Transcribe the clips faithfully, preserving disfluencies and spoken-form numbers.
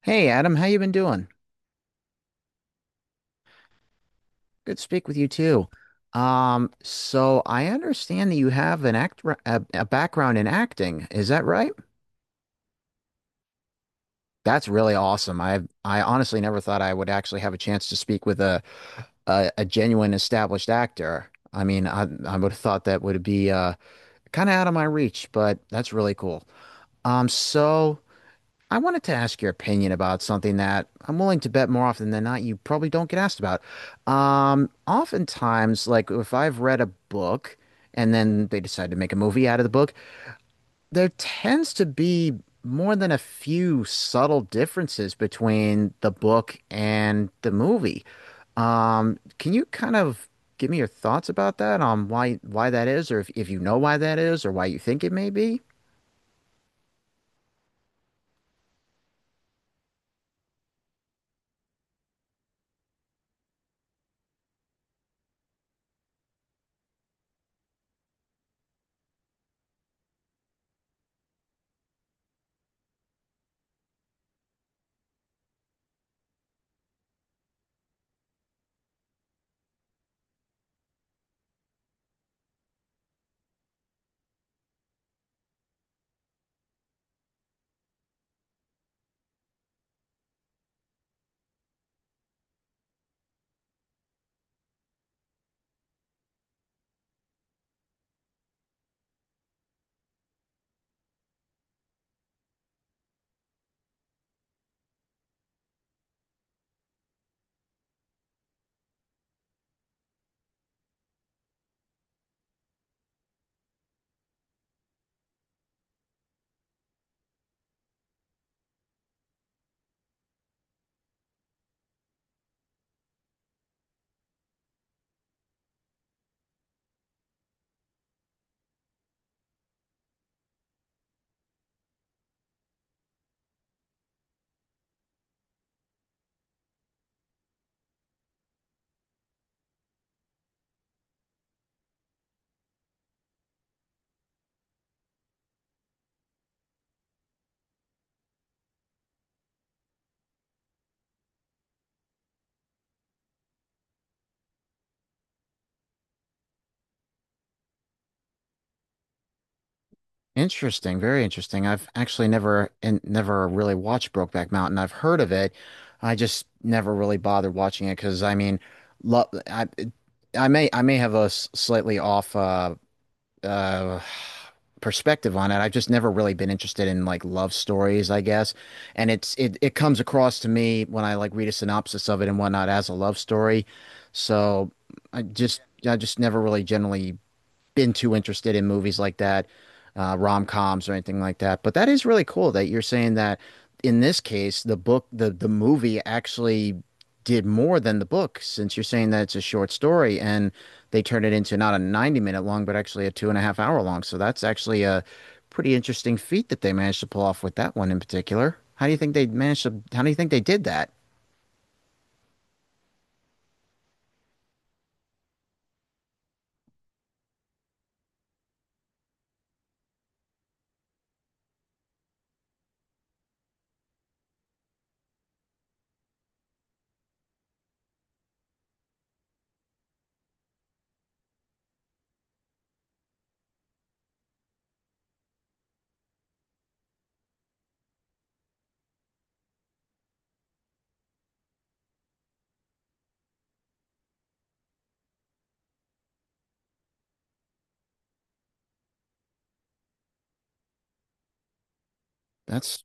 Hey Adam, how you been doing? Good to speak with you too. Um, so I understand that you have an act a, a background in acting. Is that right? That's really awesome. I I honestly never thought I would actually have a chance to speak with a a, a genuine established actor. I mean, I I would have thought that would be uh kind of out of my reach, but that's really cool. Um, so. I wanted to ask your opinion about something that I'm willing to bet more often than not you probably don't get asked about. Um, oftentimes, like if I've read a book and then they decide to make a movie out of the book, there tends to be more than a few subtle differences between the book and the movie. Um, can you kind of give me your thoughts about that on why why that is, or if, if you know why that is, or why you think it may be? Interesting, very interesting. I've actually never and never really watched Brokeback Mountain. I've heard of it. I just never really bothered watching it because I mean, lo I I may I may have a s- slightly off uh uh perspective on it. I've just never really been interested in like love stories, I guess. And it's it it comes across to me when I like read a synopsis of it and whatnot as a love story. So I just I just never really generally been too interested in movies like that, uh, rom-coms or anything like that. But that is really cool that you're saying that in this case, the book, the the movie actually did more than the book, since you're saying that it's a short story and they turned it into not a ninety minute long, but actually a two and a half hour long. So that's actually a pretty interesting feat that they managed to pull off with that one in particular. How do you think they managed to, how do you think they did that? That's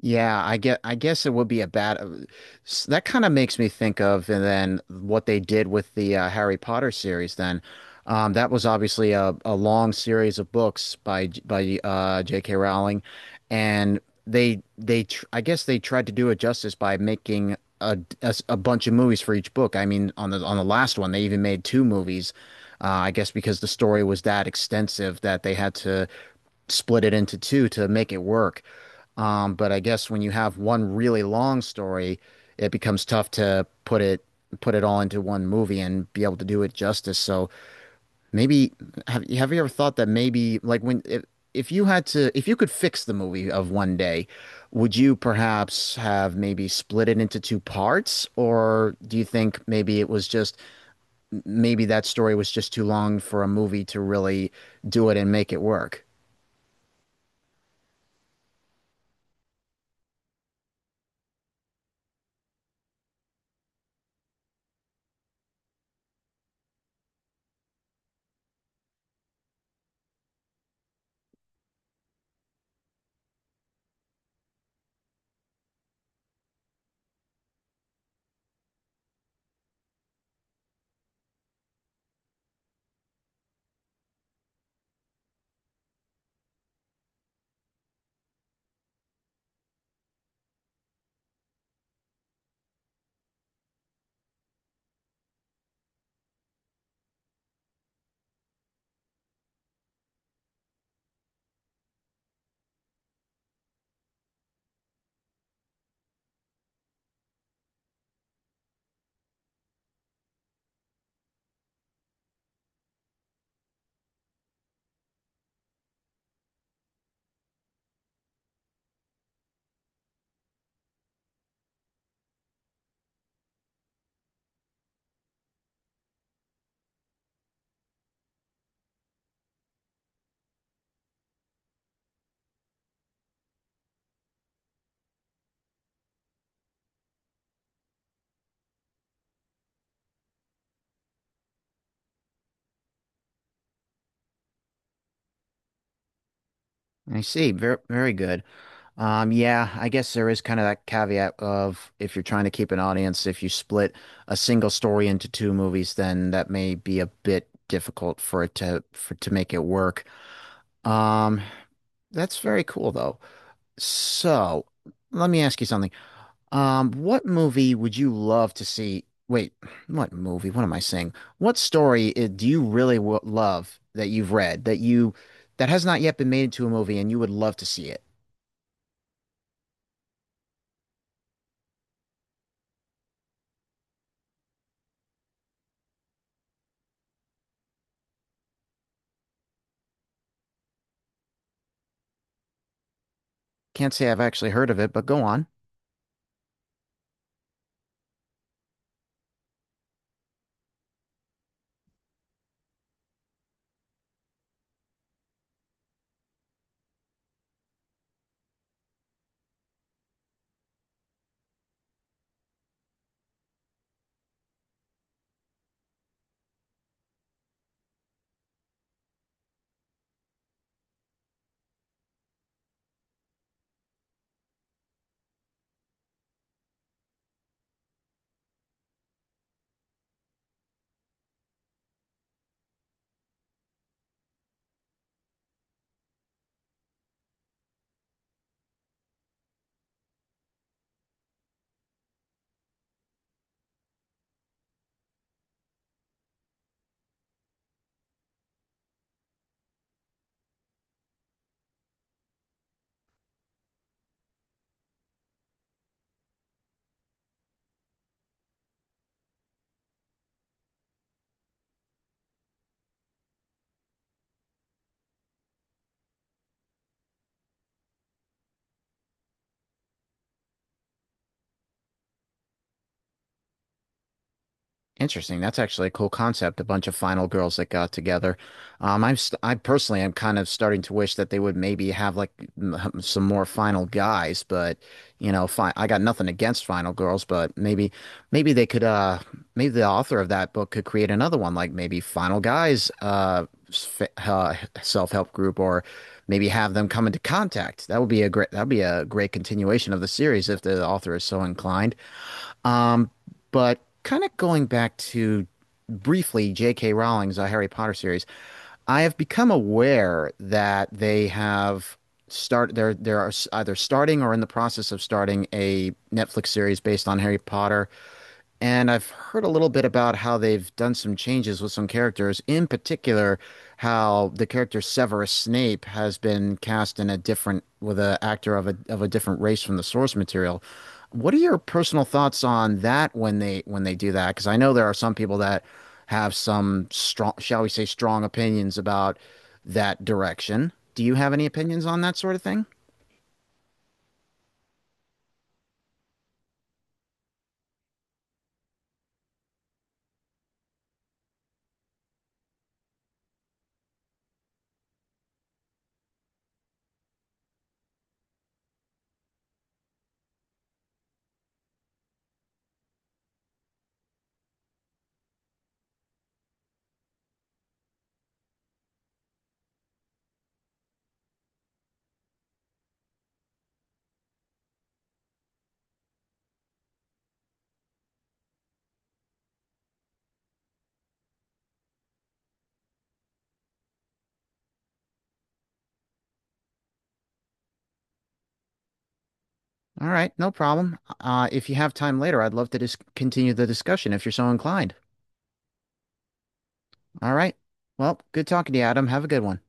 Yeah, I get I guess it would be a bad uh, s- that kind of makes me think of and then what they did with the uh, Harry Potter series then. Um, that was obviously a, a long series of books by J- by uh, J K. Rowling and they they tr I guess they tried to do it justice by making a, a s- a bunch of movies for each book. I mean on the on the last one they even made two movies. Uh, I guess because the story was that extensive that they had to split it into two to make it work. Um, but I guess when you have one really long story, it becomes tough to put it put it all into one movie and be able to do it justice. So maybe have you have you ever thought that maybe like when if, if you had to if you could fix the movie of one day, would you perhaps have maybe split it into two parts? Or do you think maybe it was just maybe that story was just too long for a movie to really do it and make it work? I see. Very, very good. Um, yeah, I guess there is kind of that caveat of if you're trying to keep an audience, if you split a single story into two movies, then that may be a bit difficult for it to for to make it work. Um, that's very cool though. So, let me ask you something. Um, what movie would you love to see? Wait, what movie? What am I saying? What story i- do you really w love that you've read that you that has not yet been made into a movie and you would love to see it? Can't say I've actually heard of it, but go on. Interesting. That's actually a cool concept. A bunch of final girls that got together. Um, I'm st I personally am kind of starting to wish that they would maybe have like m- some more final guys, but you know, fine. I got nothing against final girls, but maybe maybe they could uh maybe the author of that book could create another one like maybe final guys uh, s- f- uh self-help group or maybe have them come into contact. That would be a great that would be a great continuation of the series if the author is so inclined. Um, but kind of going back to briefly J K. Rowling's uh, Harry Potter series, I have become aware that they have start there there are s- either starting or in the process of starting a Netflix series based on Harry Potter. And I've heard a little bit about how they've done some changes with some characters, in particular, how the character Severus Snape has been cast in a different with an actor of a of a different race from the source material. What are your personal thoughts on that when they when they do that? Because I know there are some people that have some strong, shall we say, strong opinions about that direction. Do you have any opinions on that sort of thing? All right, no problem. Uh, if you have time later, I'd love to just continue the discussion if you're so inclined. All right. Well, good talking to you, Adam. Have a good one.